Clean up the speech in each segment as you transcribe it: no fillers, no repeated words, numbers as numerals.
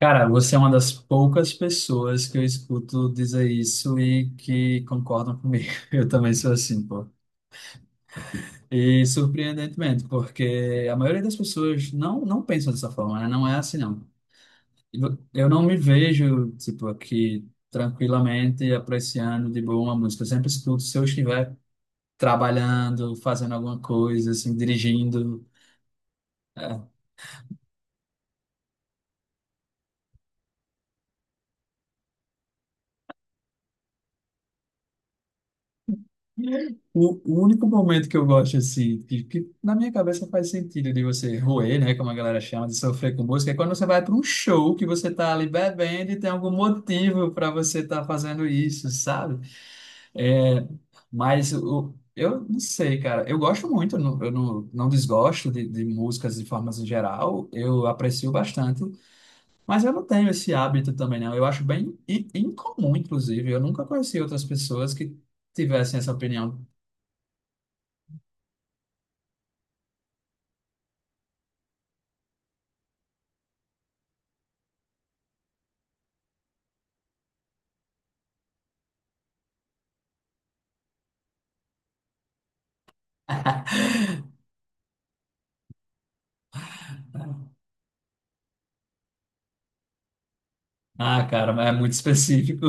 Cara, você é uma das poucas pessoas que eu escuto dizer isso e que concordam comigo. Eu também sou assim, pô. E surpreendentemente, porque a maioria das pessoas não pensam dessa forma, né? Não é assim, não. Eu não me vejo, tipo, aqui tranquilamente apreciando de boa uma música. Eu sempre escuto se eu estiver trabalhando, fazendo alguma coisa, assim, dirigindo. é, o único momento que eu gosto, assim, que na minha cabeça faz sentido de você roer, né, como a galera chama, de sofrer com música, é quando você vai para um show que você tá ali bebendo e tem algum motivo para você estar fazendo isso, sabe? É, mas eu não sei, cara. Eu gosto muito, eu não, não desgosto de músicas de formas em geral, eu aprecio bastante, mas eu não tenho esse hábito também, não. Eu acho bem incomum, inclusive. Eu nunca conheci outras pessoas que tivessem essa opinião. Ah, cara, mas é muito específico.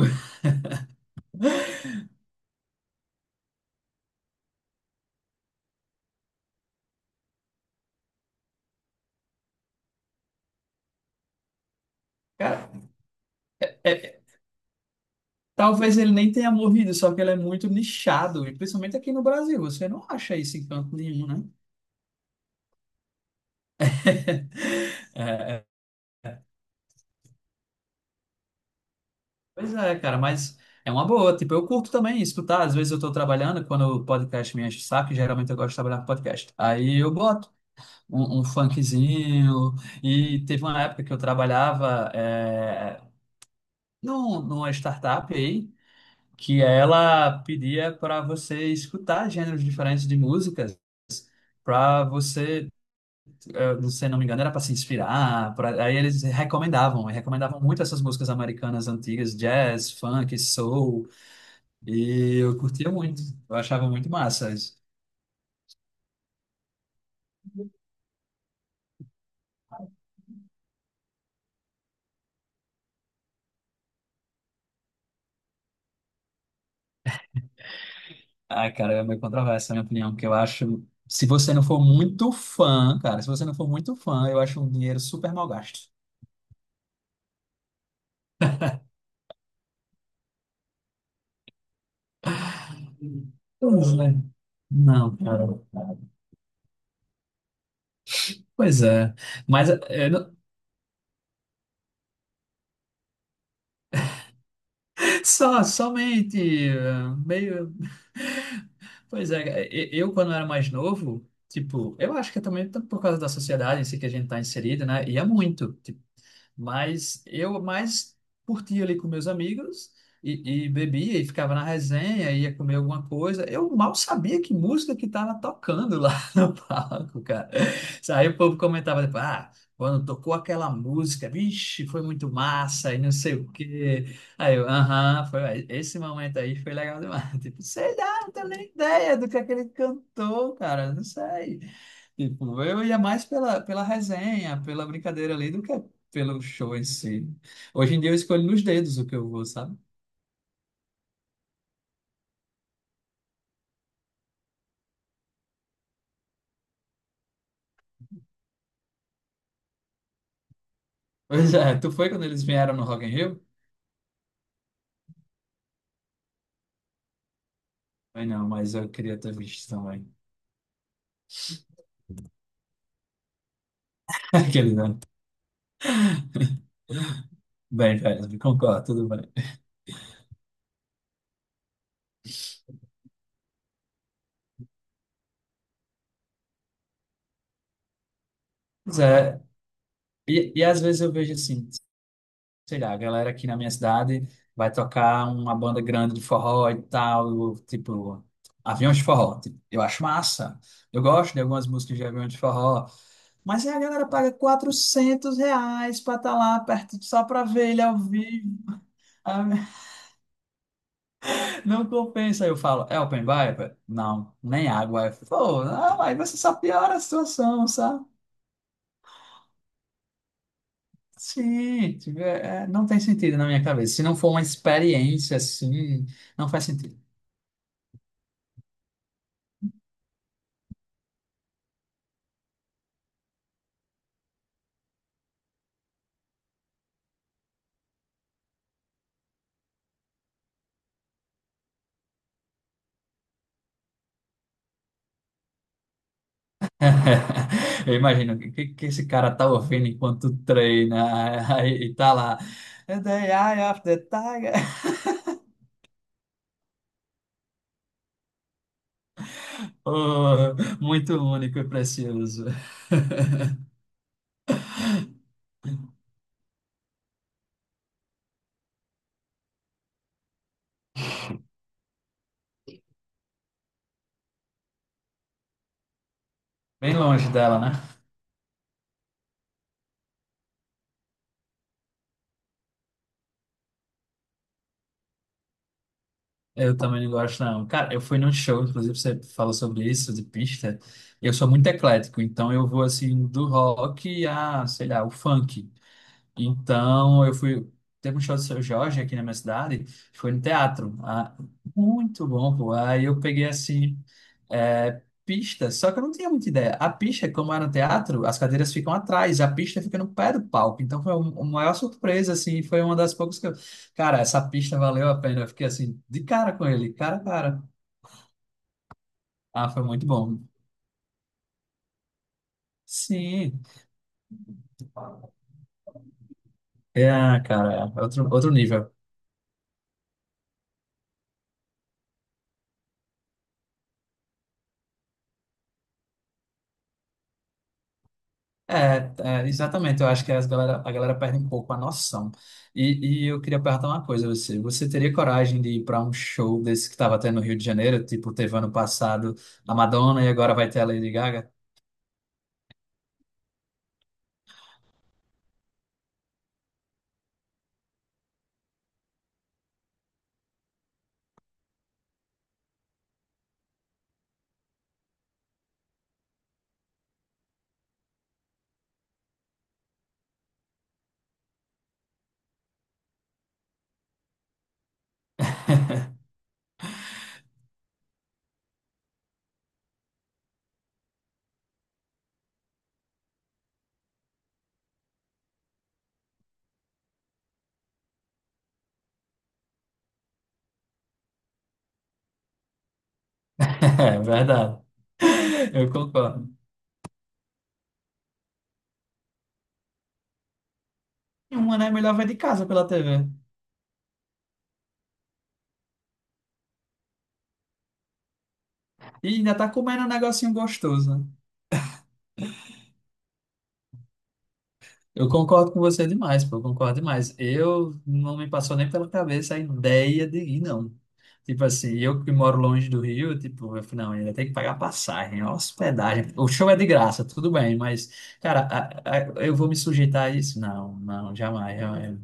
Cara, é- talvez ele nem tenha morrido, só que ele é muito nichado, e principalmente aqui no Brasil. Você não acha isso em canto nenhum, né? É, pois é, cara, mas é uma boa. Tipo, eu curto também escutar. Às vezes eu tô trabalhando, quando o podcast me enche o saco, geralmente eu gosto de trabalhar com podcast. Aí eu boto um funkzinho. E teve uma época que eu trabalhava numa startup aí. Que ela pedia para você escutar gêneros diferentes de músicas, para você, se não me engano, era para se inspirar, pra, aí eles recomendavam, e recomendavam muito essas músicas americanas antigas, jazz, funk, soul, e eu curtia muito, eu achava muito massa isso. Ah, cara, é meio controversa a minha opinião, porque eu acho, se você não for muito fã, eu acho um dinheiro super mal gasto. Pois é. Não, cara. Pois é. Mas é, só, somente, meio. Pois é, eu quando era mais novo, tipo, eu acho que é também por causa da sociedade em si que a gente está inserido, né? Ia muito. Mas eu mais curtia ali com meus amigos e bebia e ficava na resenha, ia comer alguma coisa. Eu mal sabia que música que estava tocando lá no palco, cara. Aí o povo comentava, tipo, ah, quando tocou aquela música, vixe, foi muito massa e não sei o quê. Aí eu, aham, foi, esse momento aí foi legal demais. Tipo, sei lá, não tenho nem ideia do que aquele cantou, cara, não sei. Tipo, eu ia mais pela resenha, pela brincadeira ali, do que pelo show em si. Hoje em dia eu escolho nos dedos o que eu vou, sabe? Pois é, tu foi quando eles vieram no Rock in Rio? Foi não, mas eu queria ter visto também. Aquele não. Bem, velho, me concordo, tudo bem. Pois é, e às vezes eu vejo assim, sei lá, a galera aqui na minha cidade vai tocar uma banda grande de forró e tal, tipo, Aviões de Forró. Tipo, eu acho massa, eu gosto de algumas músicas de Aviões de Forró, mas aí a galera paga 400 reais para estar lá perto, só para ver ele ao vivo. Ah, não compensa. Aí eu falo, é open bar? Não, nem água. Aí falo, pô, não, aí você só piora a situação, sabe? Sim, tipo, é, não tem sentido na minha cabeça. Se não for uma experiência assim, não faz sentido. Eu imagino que esse cara tá ouvindo enquanto treina aí e tá lá. The Eye of the Tiger. Oh, muito único e precioso. Bem longe dela, né? Eu também não gosto, não. Cara, eu fui num show, inclusive você falou sobre isso, de pista. Eu sou muito eclético, então eu vou assim do rock a, sei lá, o funk. Então, eu fui. Teve um show do Seu Jorge aqui na minha cidade, foi no teatro. Ah, muito bom, pô. Aí eu peguei assim, é, pista, só que eu não tinha muita ideia. A pista, como era no teatro, as cadeiras ficam atrás, a pista fica no pé do palco. Então foi uma maior surpresa, assim, foi uma das poucas que eu. Cara, essa pista valeu a pena. Eu fiquei assim, de cara com ele, cara a cara. Ah, foi muito bom. Sim. É, cara, é outro, outro nível. É, é, exatamente. Eu acho que as galera, a galera perde um pouco a noção. E eu queria perguntar uma coisa a você. Você teria coragem de ir para um show desse que estava tendo no Rio de Janeiro? Tipo, teve ano passado a Madonna e agora vai ter a Lady Gaga? É verdade. Eu concordo. E uma, né? Melhor vai de casa pela TV. E ainda tá comendo um negocinho gostoso, né? Eu concordo com você demais, pô, eu concordo demais. Eu não me passou nem pela cabeça a ideia de ir, não. Tipo assim, eu que moro longe do Rio, tipo, eu falei, não, ainda tem que pagar passagem, é hospedagem. O show é de graça, tudo bem, mas, cara, eu vou me sujeitar a isso? Não, não, jamais, jamais.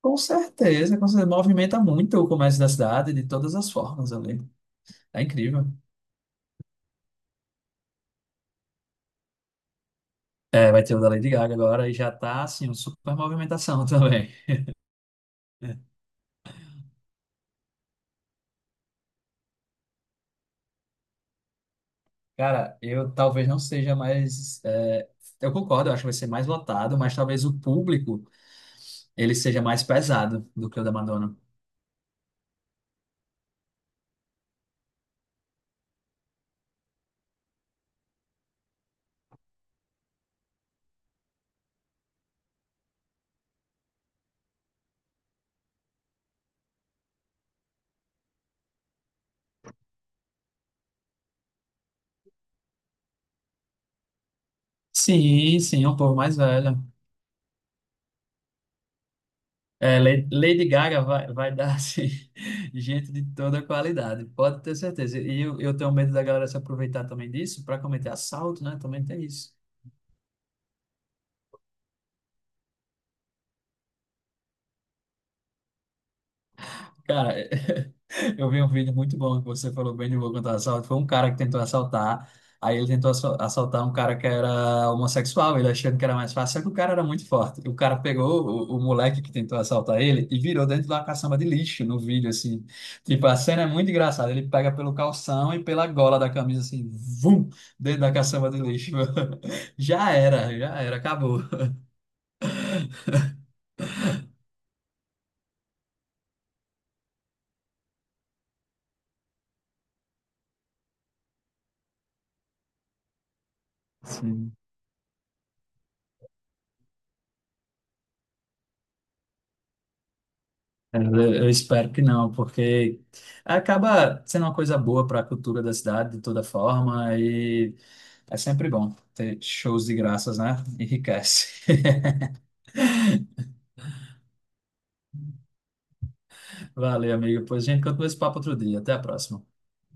Com certeza, com certeza. Movimenta muito o comércio da cidade de todas as formas ali. Tá incrível. É, vai ter o da Lady Gaga agora e já tá, assim, uma super movimentação também. Cara, eu talvez não seja mais. É, eu concordo, eu acho que vai ser mais lotado, mas talvez o público ele seja mais pesado do que o da Madonna. Sim, sim, é um povo mais velho. É, Lady Gaga vai dar assim, gente de toda qualidade, pode ter certeza. Eu tenho medo da galera se aproveitar também disso para cometer assalto, né? Também tem isso. Cara, eu vi um vídeo muito bom que você falou bem de Logan do assalto. Foi um cara que tentou assaltar. Aí ele tentou assaltar um cara que era homossexual, ele achando que era mais fácil, só que o cara era muito forte. O cara pegou o moleque que tentou assaltar ele e virou dentro de uma caçamba de lixo no vídeo, assim. Tipo, a cena é muito engraçada. Ele pega pelo calção e pela gola da camisa, assim, vum, dentro da caçamba de lixo. Já era, acabou. Sim. Eu espero que não, porque acaba sendo uma coisa boa para a cultura da cidade de toda forma e é sempre bom ter shows de graças, né? Enriquece. Valeu, amigo. Pois a gente continua esse papo outro dia. Até a próxima.